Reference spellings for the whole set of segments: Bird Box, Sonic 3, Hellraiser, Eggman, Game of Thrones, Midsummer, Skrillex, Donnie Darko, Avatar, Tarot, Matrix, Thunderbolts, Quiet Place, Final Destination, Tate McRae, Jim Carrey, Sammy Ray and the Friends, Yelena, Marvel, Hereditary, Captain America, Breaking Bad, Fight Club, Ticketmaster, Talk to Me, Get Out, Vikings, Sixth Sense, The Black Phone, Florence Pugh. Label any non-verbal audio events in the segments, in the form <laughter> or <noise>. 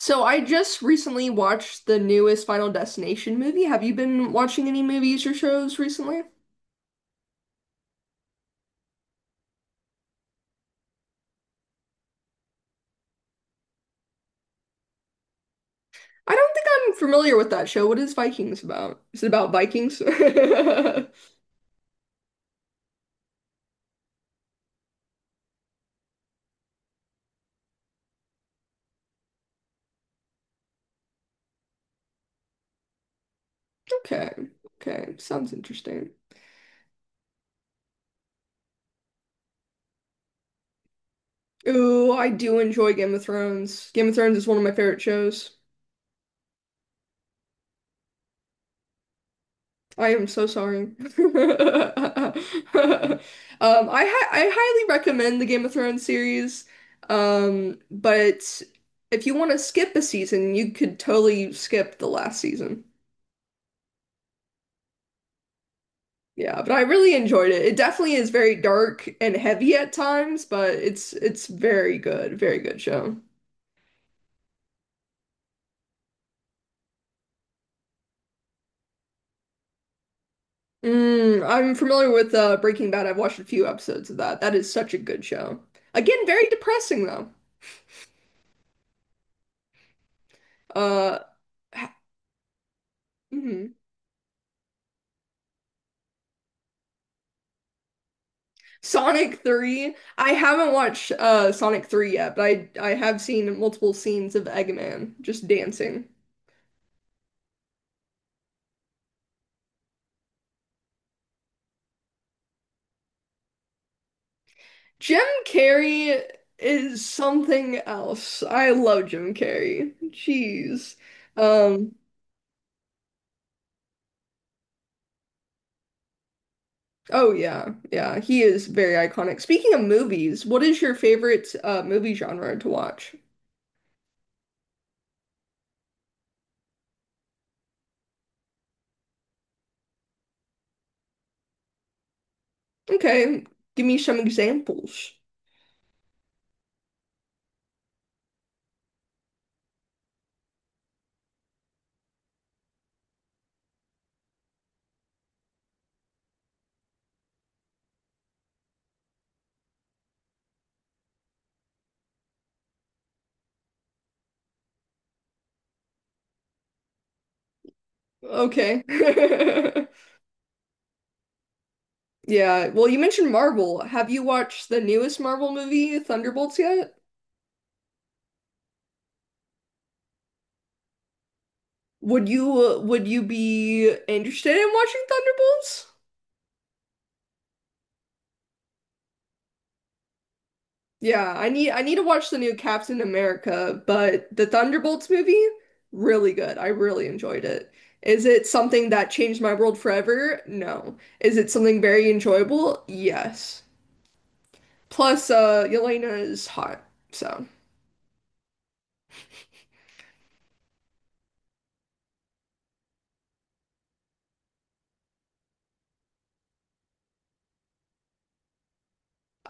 So I just recently watched the newest Final Destination movie. Have you been watching any movies or shows recently? I don't think I'm familiar with that show. What is Vikings about? Is it about Vikings? <laughs> Okay. Okay. Sounds interesting. Ooh, I do enjoy Game of Thrones. Game of Thrones is one of my favorite shows. I am so sorry. <laughs> I highly recommend the Game of Thrones series, but if you want to skip a season, you could totally skip the last season. Yeah, but I really enjoyed it. It definitely is very dark and heavy at times, but it's very good, very good show. Mm, I'm familiar with Breaking Bad. I've watched a few episodes of that. That is such a good show. Again, very depressing though. Uh, ha- mhm. Sonic 3. I haven't watched Sonic 3 yet, but I have seen multiple scenes of Eggman just dancing. Jim Carrey is something else. I love Jim Carrey. Jeez. Um oh yeah. Yeah, he is very iconic. Speaking of movies, what is your favorite movie genre to watch? Okay, give me some examples. Okay. <laughs> Yeah. Well, you mentioned Marvel. Have you watched the newest Marvel movie, Thunderbolts, yet? Would you be interested in watching Thunderbolts? Yeah, I need to watch the new Captain America, but the Thunderbolts movie, really good. I really enjoyed it. Is it something that changed my world forever? No. Is it something very enjoyable? Yes. Plus, Yelena is hot, so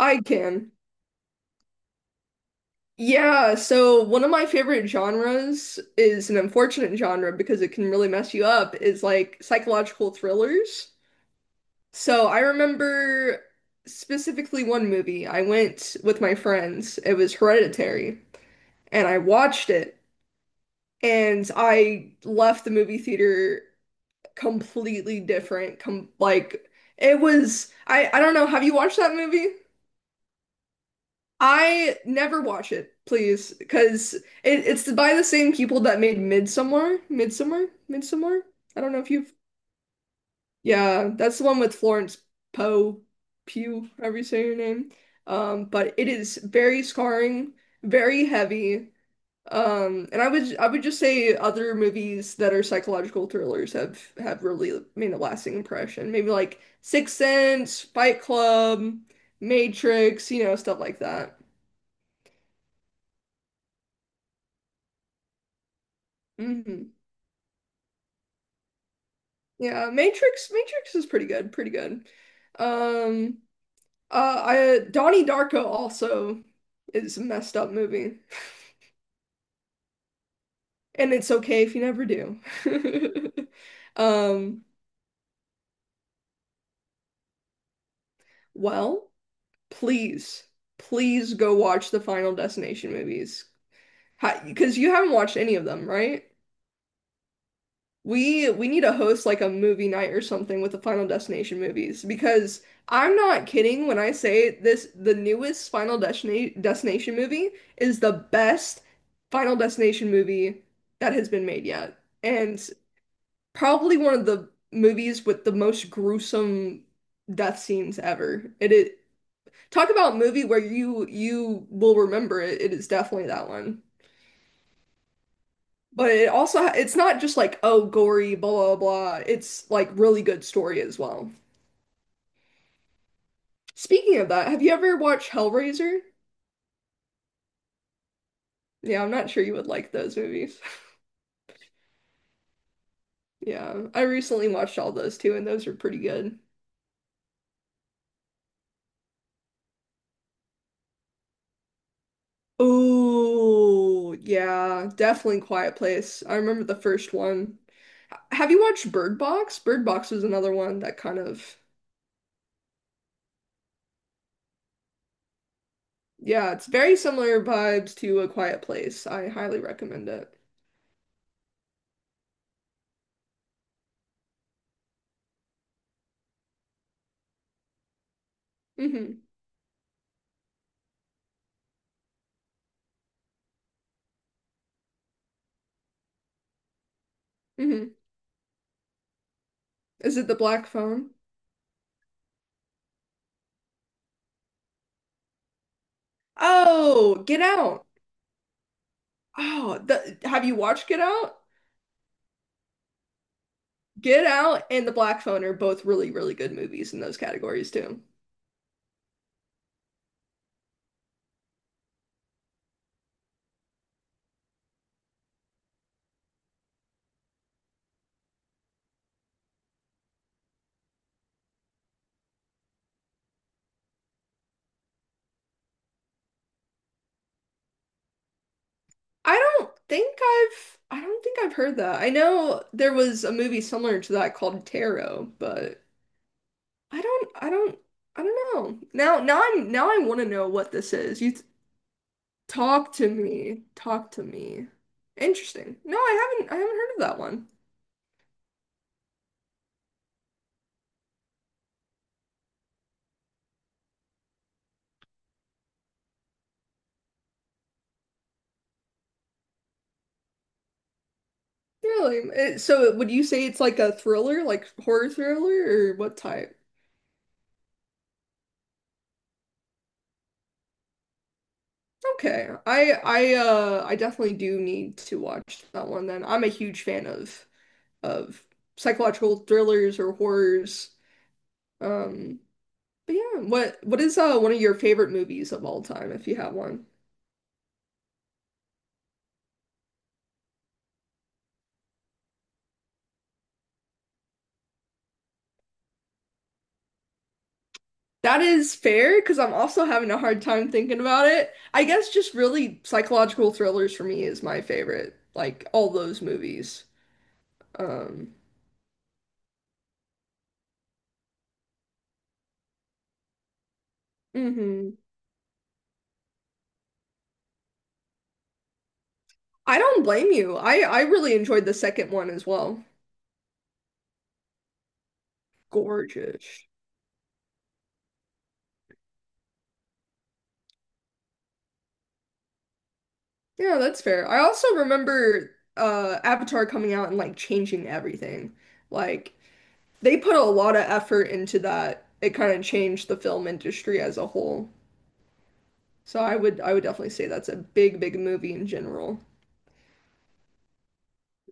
I can. Yeah, so one of my favorite genres is an unfortunate genre because it can really mess you up, is like psychological thrillers. So I remember specifically one movie. I went with my friends. It was Hereditary, and I watched it, and I left the movie theater completely different. Com like it was I don't know, have you watched that movie? I never watch it, please, because it's by the same people that made Midsummer. I don't know if you've. Yeah, that's the one with Florence Poe, Pugh, however you say her name. But it is very scarring, very heavy. And I would just say other movies that are psychological thrillers have really made a lasting impression. Maybe like Sixth Sense, Fight Club, Matrix, you know, stuff like that. Mhm. Yeah, Matrix is pretty good, pretty good. Um I Donnie Darko also is a messed up movie. And it's okay if you never do. <laughs> Um well, please, please go watch the Final Destination movies. Because you haven't watched any of them, right? We need to host like a movie night or something with the Final Destination movies because I'm not kidding when I say this, the newest Final Destina Destination movie is the best Final Destination movie that has been made yet. And probably one of the movies with the most gruesome death scenes ever. It is talk about a movie where you will remember it. It is definitely that one. But it also it's not just like oh gory blah blah blah. It's like really good story as well. Speaking of that, have you ever watched Hellraiser? Yeah, I'm not sure you would like those movies. <laughs> Yeah, I recently watched all those too, and those are pretty good. Oh, yeah, definitely Quiet Place. I remember the first one. Have you watched Bird Box? Bird Box was another one that kind of, yeah, it's very similar vibes to A Quiet Place. I highly recommend it. hmm hmm Is it the black phone? Oh, Get Out. Oh, have you watched Get Out? Get Out and The Black Phone are both really, really good movies in those categories too. I don't think I've heard that. I know there was a movie similar to that called Tarot, but I don't I don't I don't know. Now I want to know what this is. Talk to me. Talk to me. Interesting. No, I haven't heard of that one. Really? So would you say it's like a thriller, like horror thriller, or what type? Okay. I definitely do need to watch that one then. I'm a huge fan of psychological thrillers or horrors. Um but yeah, what is one of your favorite movies of all time if you have one? That is fair because I'm also having a hard time thinking about it. I guess just really psychological thrillers for me is my favorite, like all those movies. Um mhm. I don't blame you. I really enjoyed the second one as well. Gorgeous. Yeah, that's fair. I also remember Avatar coming out and like changing everything. Like they put a lot of effort into that. It kind of changed the film industry as a whole. So I would definitely say that's a big, big movie in general.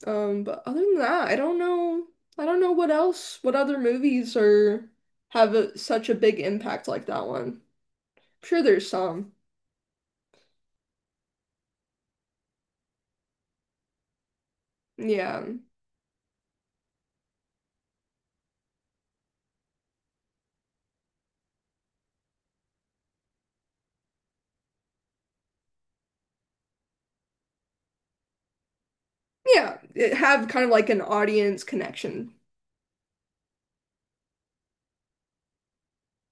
But other than that, I don't know what else, what other movies are have a, such a big impact like that one. I'm sure there's some. Yeah. Yeah, it- have kind of like an audience connection.